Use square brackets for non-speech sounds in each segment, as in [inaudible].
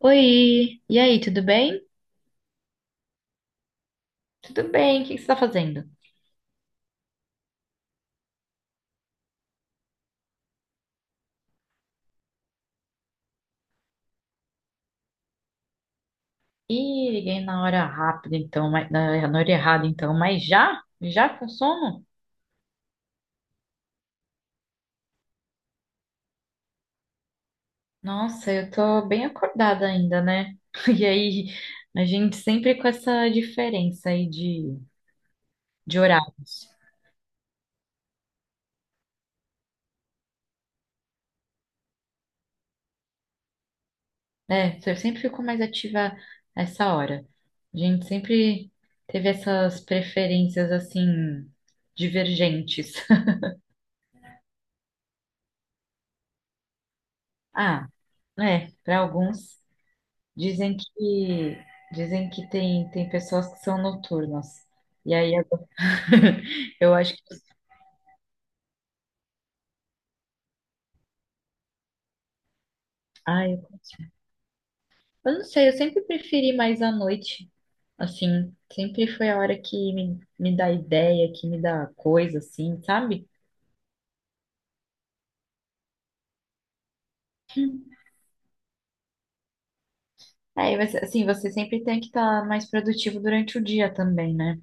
Oi, e aí, tudo bem? Tudo bem, o que você está fazendo? Ih, liguei na hora rápida, então, na hora errada, então, mas já? Já com sono? Nossa, eu tô bem acordada ainda, né? [laughs] E aí, a gente sempre com essa diferença aí de horários, né? Eu sempre fico mais ativa essa hora. A gente sempre teve essas preferências, assim, divergentes. [laughs] Ah, é, para alguns. Dizem que Dizem que tem pessoas que são noturnas. E aí agora, [laughs] eu acho que. Ai, eu não sei, eu sempre preferi mais à noite. Assim, sempre foi a hora que me dá ideia, que me dá coisa, assim, sabe? Aí, mas, assim, você sempre tem que estar mais produtivo durante o dia também, né?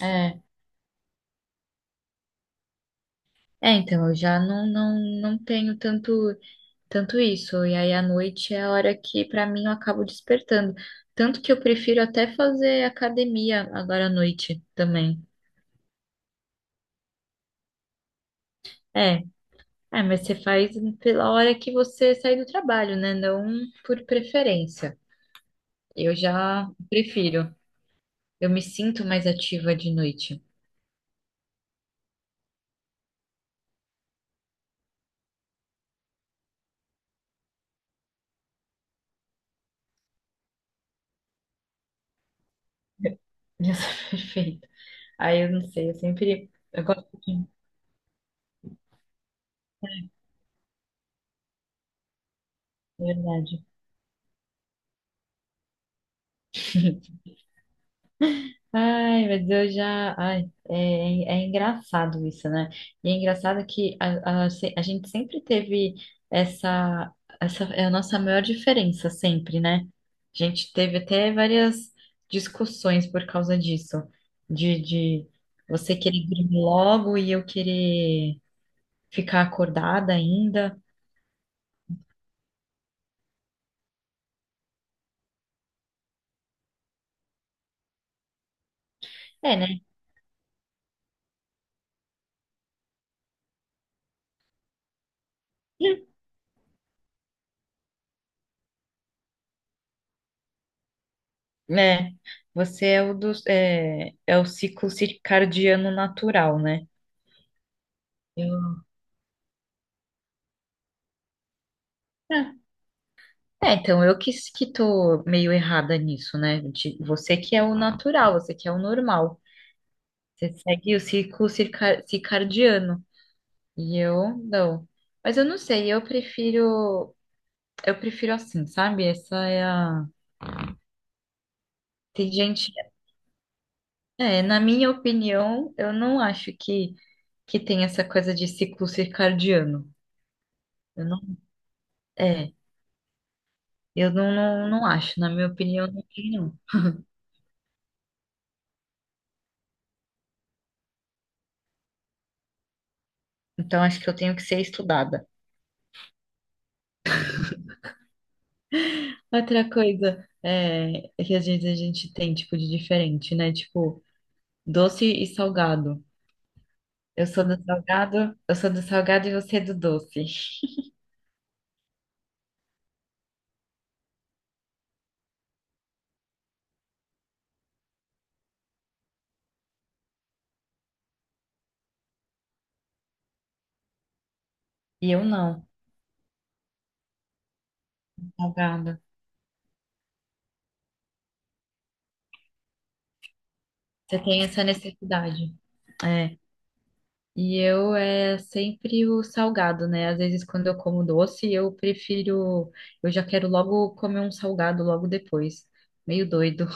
É. É, então, eu já não tenho tanto. Tanto isso, e aí à noite é a hora que pra mim eu acabo despertando. Tanto que eu prefiro até fazer academia agora à noite também. É, É, mas você faz pela hora que você sai do trabalho, né? Não por preferência. Eu já prefiro. Eu me sinto mais ativa de noite. [laughs] Isso é perfeito. Aí eu não sei, eu sempre. Eu gosto de. Verdade. Ai, mas eu já. Ai, é, é engraçado isso, né? E é engraçado que a, se- a gente sempre teve essa, essa. É a nossa maior diferença, sempre, né? A gente teve até várias discussões por causa disso, de você querer dormir logo e eu querer ficar acordada ainda. É, né? É, você é é o ciclo circadiano natural, né? Eu. É. É, então eu que tô meio errada nisso, né? De- você que é o natural, você que é o normal. Você segue o circadiano. E eu não. Mas eu não sei, eu prefiro. Eu prefiro assim, sabe? Essa é a. Tem gente. É, na minha opinião, eu não acho que tem essa coisa de ciclo circadiano. Eu não. É, eu não acho. Na minha opinião, não tem, não. Então acho que eu tenho que ser estudada. Outra coisa é, é que às vezes a gente tem, tipo, de diferente, né? Tipo, doce e salgado. Eu sou do salgado e você é do doce. E eu não, salgado. Você tem essa necessidade. É. E eu é sempre o salgado, né? Às vezes quando eu como doce, eu prefiro, eu já quero logo comer um salgado logo depois. Meio doido.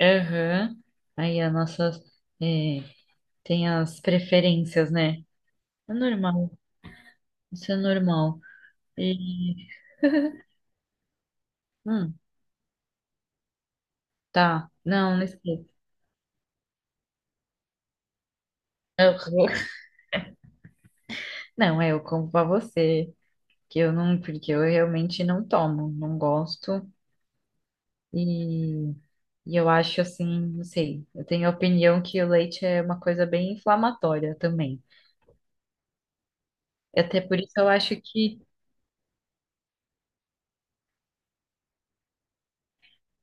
Aham. Aí a nossa, é, tem as preferências, né? É normal. Isso é normal. E, hum, tá. Não, não esqueça. Eu- [laughs] Não, é, eu compro pra você, que eu não, porque eu realmente não tomo, não gosto. E, e eu acho assim, não sei, eu tenho a opinião que o leite é uma coisa bem inflamatória também. Até por isso eu acho que,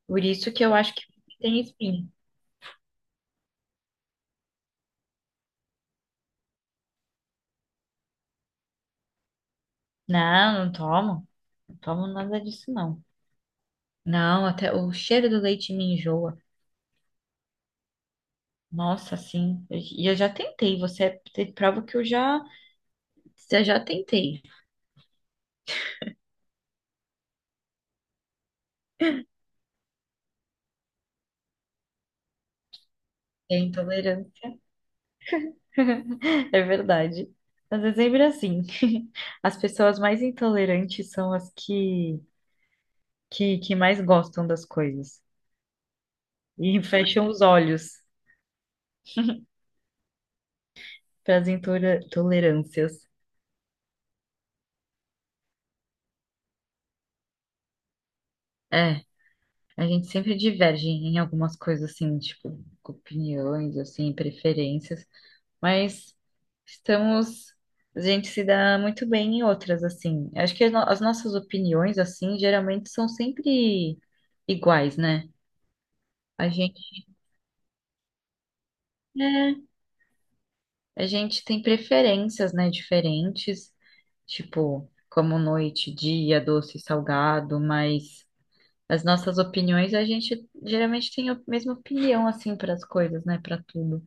por isso que eu acho que tem espinho. Não, não tomo. Não tomo nada disso, não. Não, até o cheiro do leite me enjoa. Nossa, sim. E eu, já tentei. Você é prova que eu já tentei. É intolerante. [laughs] É verdade. Mas é sempre assim. [laughs] As pessoas mais intolerantes são as que mais gostam das coisas. E [laughs] fecham os olhos para as intolerâncias. É, a gente sempre diverge em algumas coisas assim, tipo, opiniões, assim, preferências. Mas estamos. A gente se dá muito bem em outras, assim. Acho que as no- as nossas opiniões, assim, geralmente são sempre iguais, né? A gente, é, a gente tem preferências, né, diferentes, tipo, como noite, dia, doce, salgado, mas as nossas opiniões, a gente geralmente tem a mesma opinião, assim, para as coisas, né, para tudo.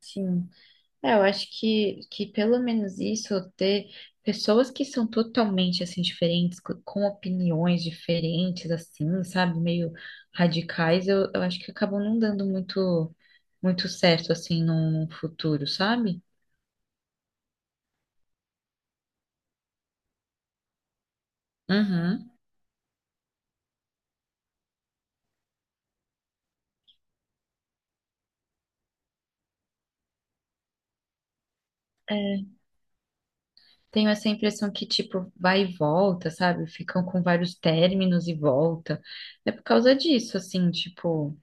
Sim. É, eu acho que pelo menos isso, ter pessoas que são totalmente, assim, diferentes, com opiniões diferentes, assim, sabe, meio radicais, eu acho que acabam não dando muito certo, assim, no futuro, sabe? Uhum. Tenho essa impressão que, tipo, vai e volta, sabe? Ficam com vários términos e volta. É por causa disso, assim, tipo.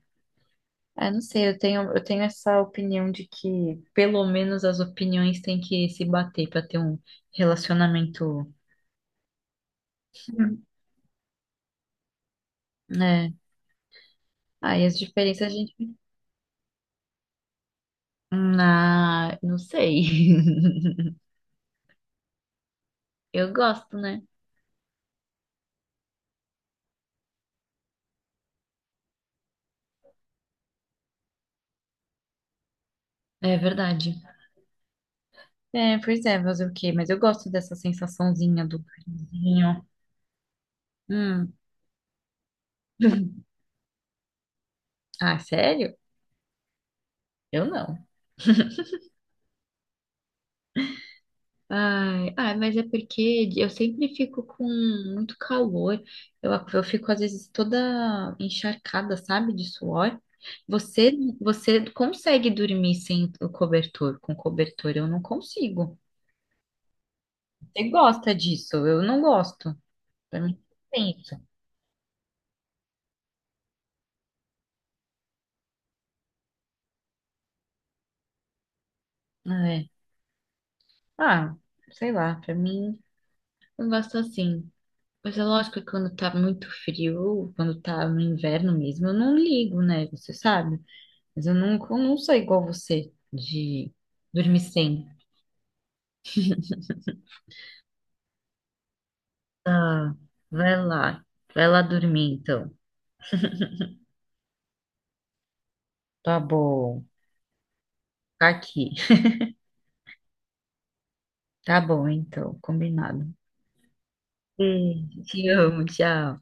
Ah, não sei, eu tenho essa opinião de que pelo menos as opiniões têm que se bater para ter um relacionamento. Hum. Né? Aí as diferenças a gente. Na... Não sei. [laughs] Eu gosto, né? É verdade. É, pois é, fazer o quê? Mas eu gosto dessa sensaçãozinha do carinho. Hum. Ah, sério? Eu não. Ai, ai, mas é porque eu sempre fico com muito calor. Eu fico às vezes toda encharcada, sabe, de suor. Você, você consegue dormir sem o cobertor, com cobertor? Eu não consigo. Você gosta disso? Eu não gosto. Pra mim, tem isso. Ah, é. Ah, sei lá, pra mim, eu gosto assim. Mas é lógico que quando tá muito frio, quando tá no inverno mesmo, eu não ligo, né? Você sabe? Mas eu não sou igual você de dormir sem. Ah, vai lá. Vai lá dormir, então. Tá bom. Tá aqui. Tá bom, então. Combinado. Beijo, te amo, tchau.